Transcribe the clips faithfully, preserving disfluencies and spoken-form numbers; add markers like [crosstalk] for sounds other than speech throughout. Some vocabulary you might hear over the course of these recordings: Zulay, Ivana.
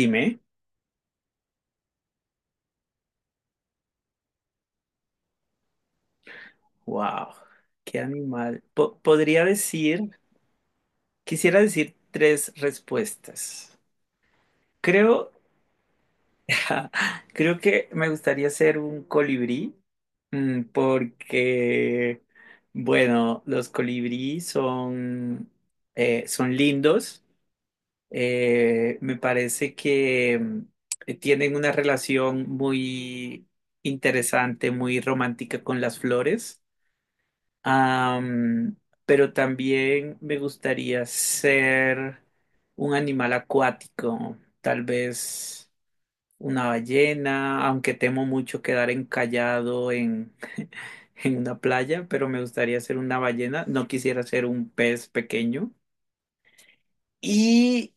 Dime, wow, qué animal. Po- podría decir, quisiera decir tres respuestas. Creo, [laughs] creo que me gustaría ser un colibrí, mm, porque, bueno, los colibrí son, eh, son lindos. Eh, me parece que mm, tienen una relación muy interesante, muy romántica con las flores. Am, pero también me gustaría ser un animal acuático, tal vez una ballena, aunque temo mucho quedar encallado en, [laughs] en una playa, pero me gustaría ser una ballena, no quisiera ser un pez pequeño. Y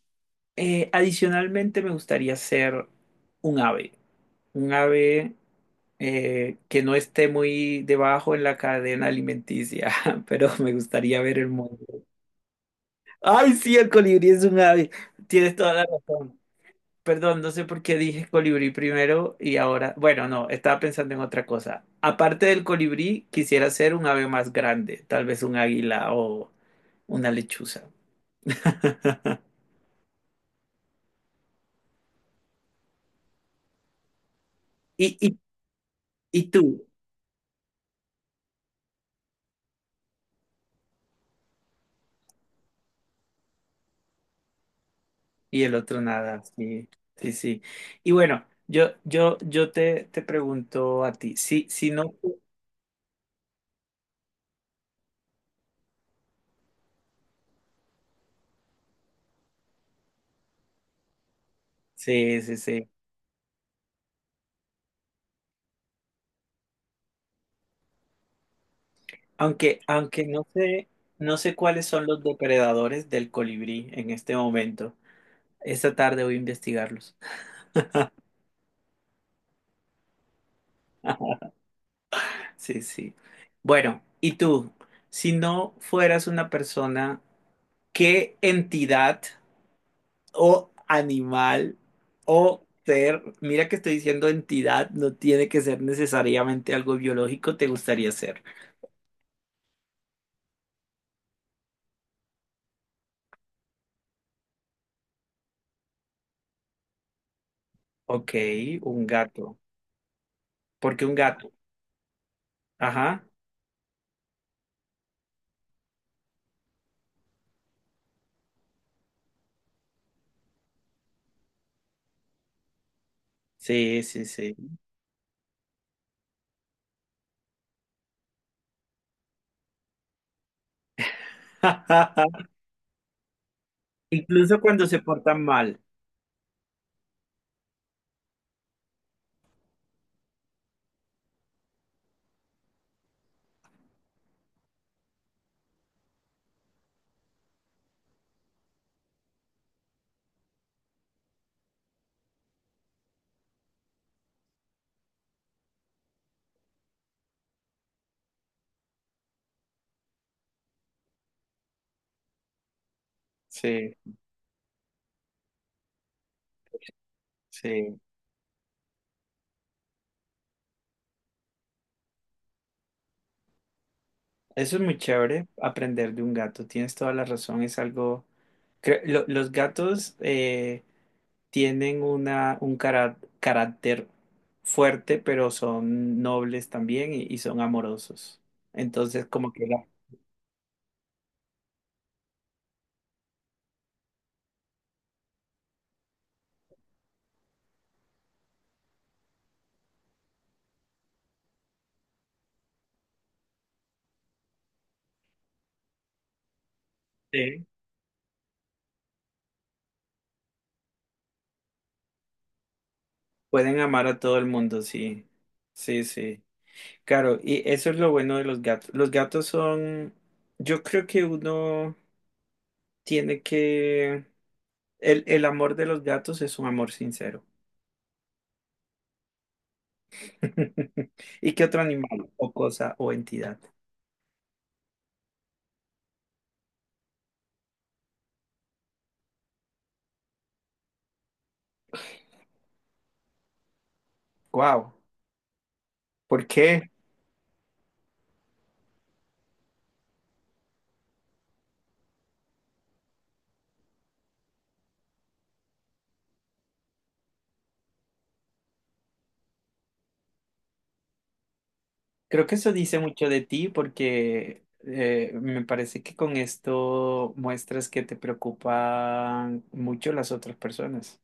eh, adicionalmente me gustaría ser un ave un ave eh, que no esté muy debajo en la cadena alimenticia, [laughs] pero me gustaría ver el mundo. Ay, sí, el colibrí es un ave. Tienes toda la razón. Perdón, no sé por qué dije colibrí primero y ahora, bueno, no, estaba pensando en otra cosa. Aparte del colibrí, quisiera ser un ave más grande, tal vez un águila o una lechuza. [laughs] ¿Y, y, y tú? Y el otro nada, sí, sí, sí. Y bueno, yo, yo, yo te, te pregunto a ti, si, si no, sí, sí, sí. Aunque, aunque no sé, no sé cuáles son los depredadores del colibrí en este momento. Esta tarde voy a investigarlos. [laughs] Sí, sí. Bueno, ¿y tú? Si no fueras una persona, ¿qué entidad? ¿O animal o ser? Mira que estoy diciendo entidad, no tiene que ser necesariamente algo biológico, te gustaría ser. Ok, un gato. ¿Por qué un gato? Ajá. Sí, sí, sí. [laughs] Incluso cuando se portan mal. Sí, sí. Eso es muy chévere, aprender de un gato. Tienes toda la razón. Es algo. cre- lo- Los gatos, eh, tienen una, un cara- carácter fuerte, pero son nobles también y, y son amorosos. Entonces, como que la- Sí. Pueden amar a todo el mundo, sí. Sí, sí. Claro, y eso es lo bueno de los gatos. Los gatos son, yo creo que uno tiene que, el, el amor de los gatos es un amor sincero. [laughs] ¿Y qué otro animal o cosa o entidad? Wow, ¿por qué? Creo que eso dice mucho de ti porque eh, me parece que con esto muestras que te preocupan mucho las otras personas.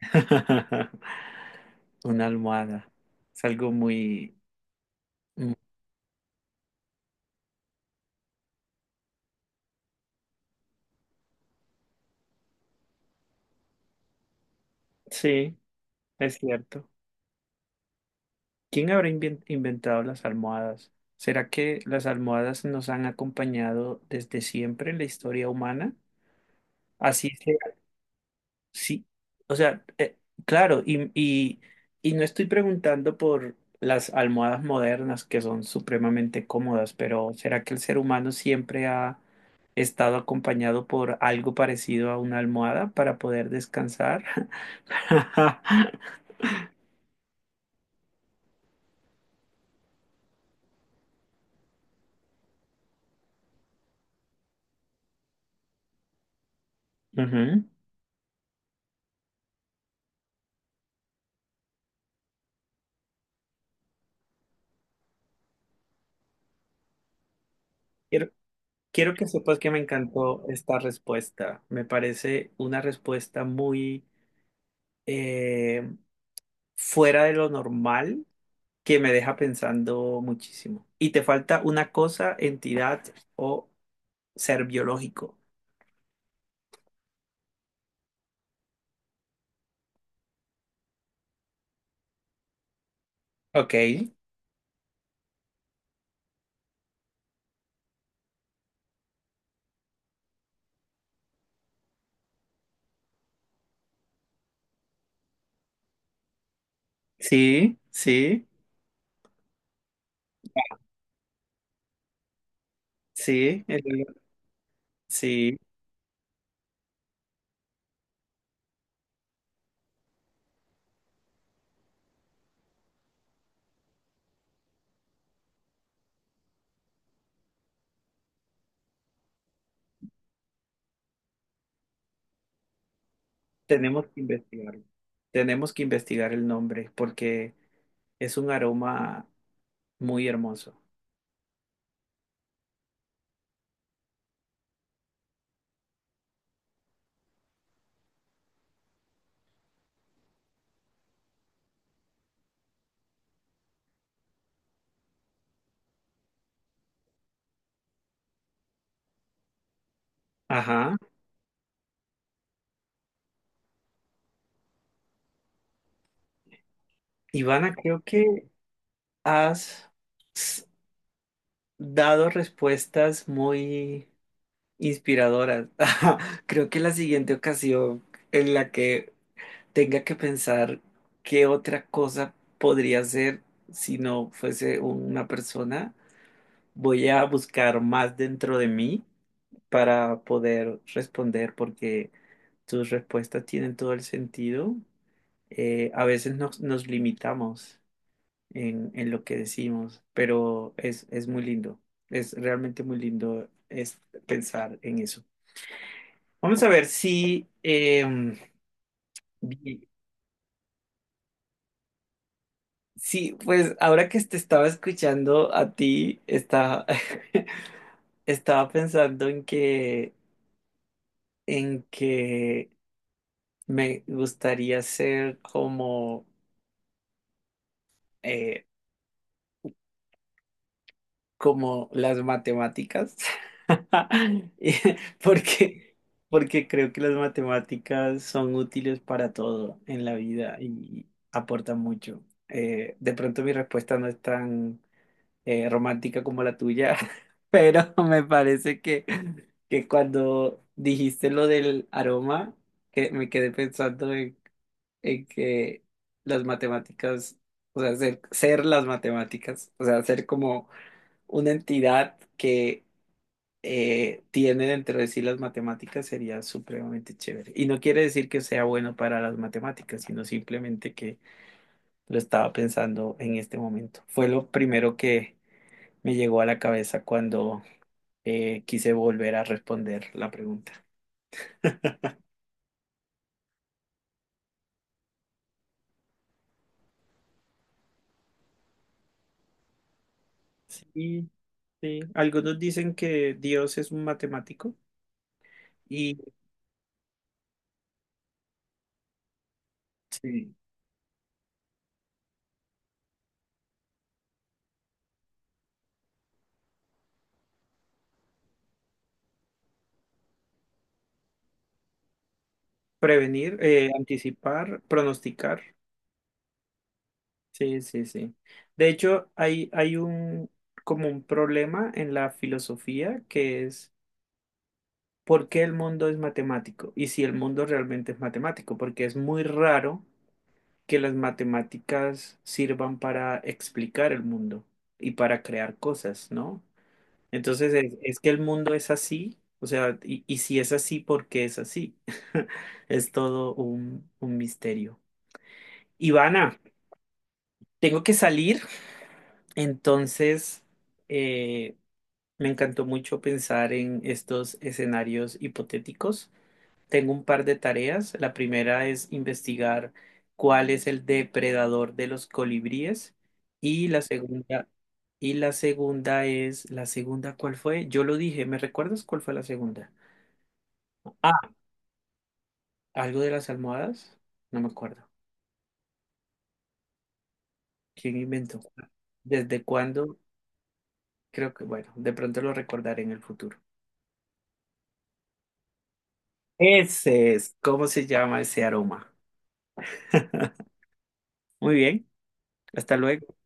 [laughs] Una almohada. Es algo muy... mm, Sí, es cierto. ¿Quién habrá invien- inventado las almohadas? ¿Será que las almohadas nos han acompañado desde siempre en la historia humana? Así sí, o sea, eh, claro, y, y, y no estoy preguntando por las almohadas modernas que son supremamente cómodas, pero ¿será que el ser humano siempre ha estado acompañado por algo parecido a una almohada para poder descansar? [laughs] Ujú. Quiero, quiero que sepas que me encantó esta respuesta. Me parece una respuesta muy eh, fuera de lo normal que me deja pensando muchísimo. Y te falta una cosa, entidad o ser biológico. Ok, sí, sí, sí, el- sí, tenemos que investigarlo. Tenemos que investigar el nombre porque es un aroma muy hermoso. Ajá. Ivana, creo que has s- dado respuestas muy inspiradoras. [laughs] Creo que la siguiente ocasión en la que tenga que pensar qué otra cosa podría ser si no fuese una persona, voy a buscar más dentro de mí para poder responder porque tus respuestas tienen todo el sentido. Eh, a veces nos, nos limitamos en, en lo que decimos, pero es, es muy lindo, es realmente muy lindo es pensar en eso. Vamos a ver si... em, sí, pues ahora que te estaba escuchando a ti, estaba, [laughs] estaba pensando en que, en que me gustaría ser como, eh, como las matemáticas. [laughs] Y- Porque, porque creo que las matemáticas son útiles para todo en la vida y aportan mucho. Eh, de pronto mi respuesta no es tan eh, romántica como la tuya, [laughs] pero me parece que, que cuando dijiste lo del aroma, que me quedé pensando en, en que las matemáticas, o sea, ser, ser las matemáticas, o sea, ser como una entidad que eh, tiene dentro de sí las matemáticas sería supremamente chévere. Y no quiere decir que sea bueno para las matemáticas, sino simplemente que lo estaba pensando en este momento. Fue lo primero que me llegó a la cabeza cuando eh, quise volver a responder la pregunta. Sí, sí. Algunos dicen que Dios es un matemático y sí, prevenir, eh, anticipar, pronosticar. Sí, sí, sí. De hecho, hay, hay un como un problema en la filosofía que es ¿por qué el mundo es matemático? Y si el mundo realmente es matemático, porque es muy raro que las matemáticas sirvan para explicar el mundo y para crear cosas, ¿no? Entonces, es, es que el mundo es así, o sea, y, y si es así, ¿por qué es así? [laughs] Es todo un, un misterio. Ivana, tengo que salir, entonces, eh, me encantó mucho pensar en estos escenarios hipotéticos. Tengo un par de tareas. La primera es investigar cuál es el depredador de los colibríes y la segunda y la segunda es la segunda, ¿cuál fue? Yo lo dije, ¿me recuerdas cuál fue la segunda? Ah, algo de las almohadas, no me acuerdo. ¿Quién inventó? ¿Desde cuándo? Creo que bueno, de pronto lo recordaré en el futuro. Ese es, ¿cómo se llama ese aroma? [laughs] Muy bien, hasta luego.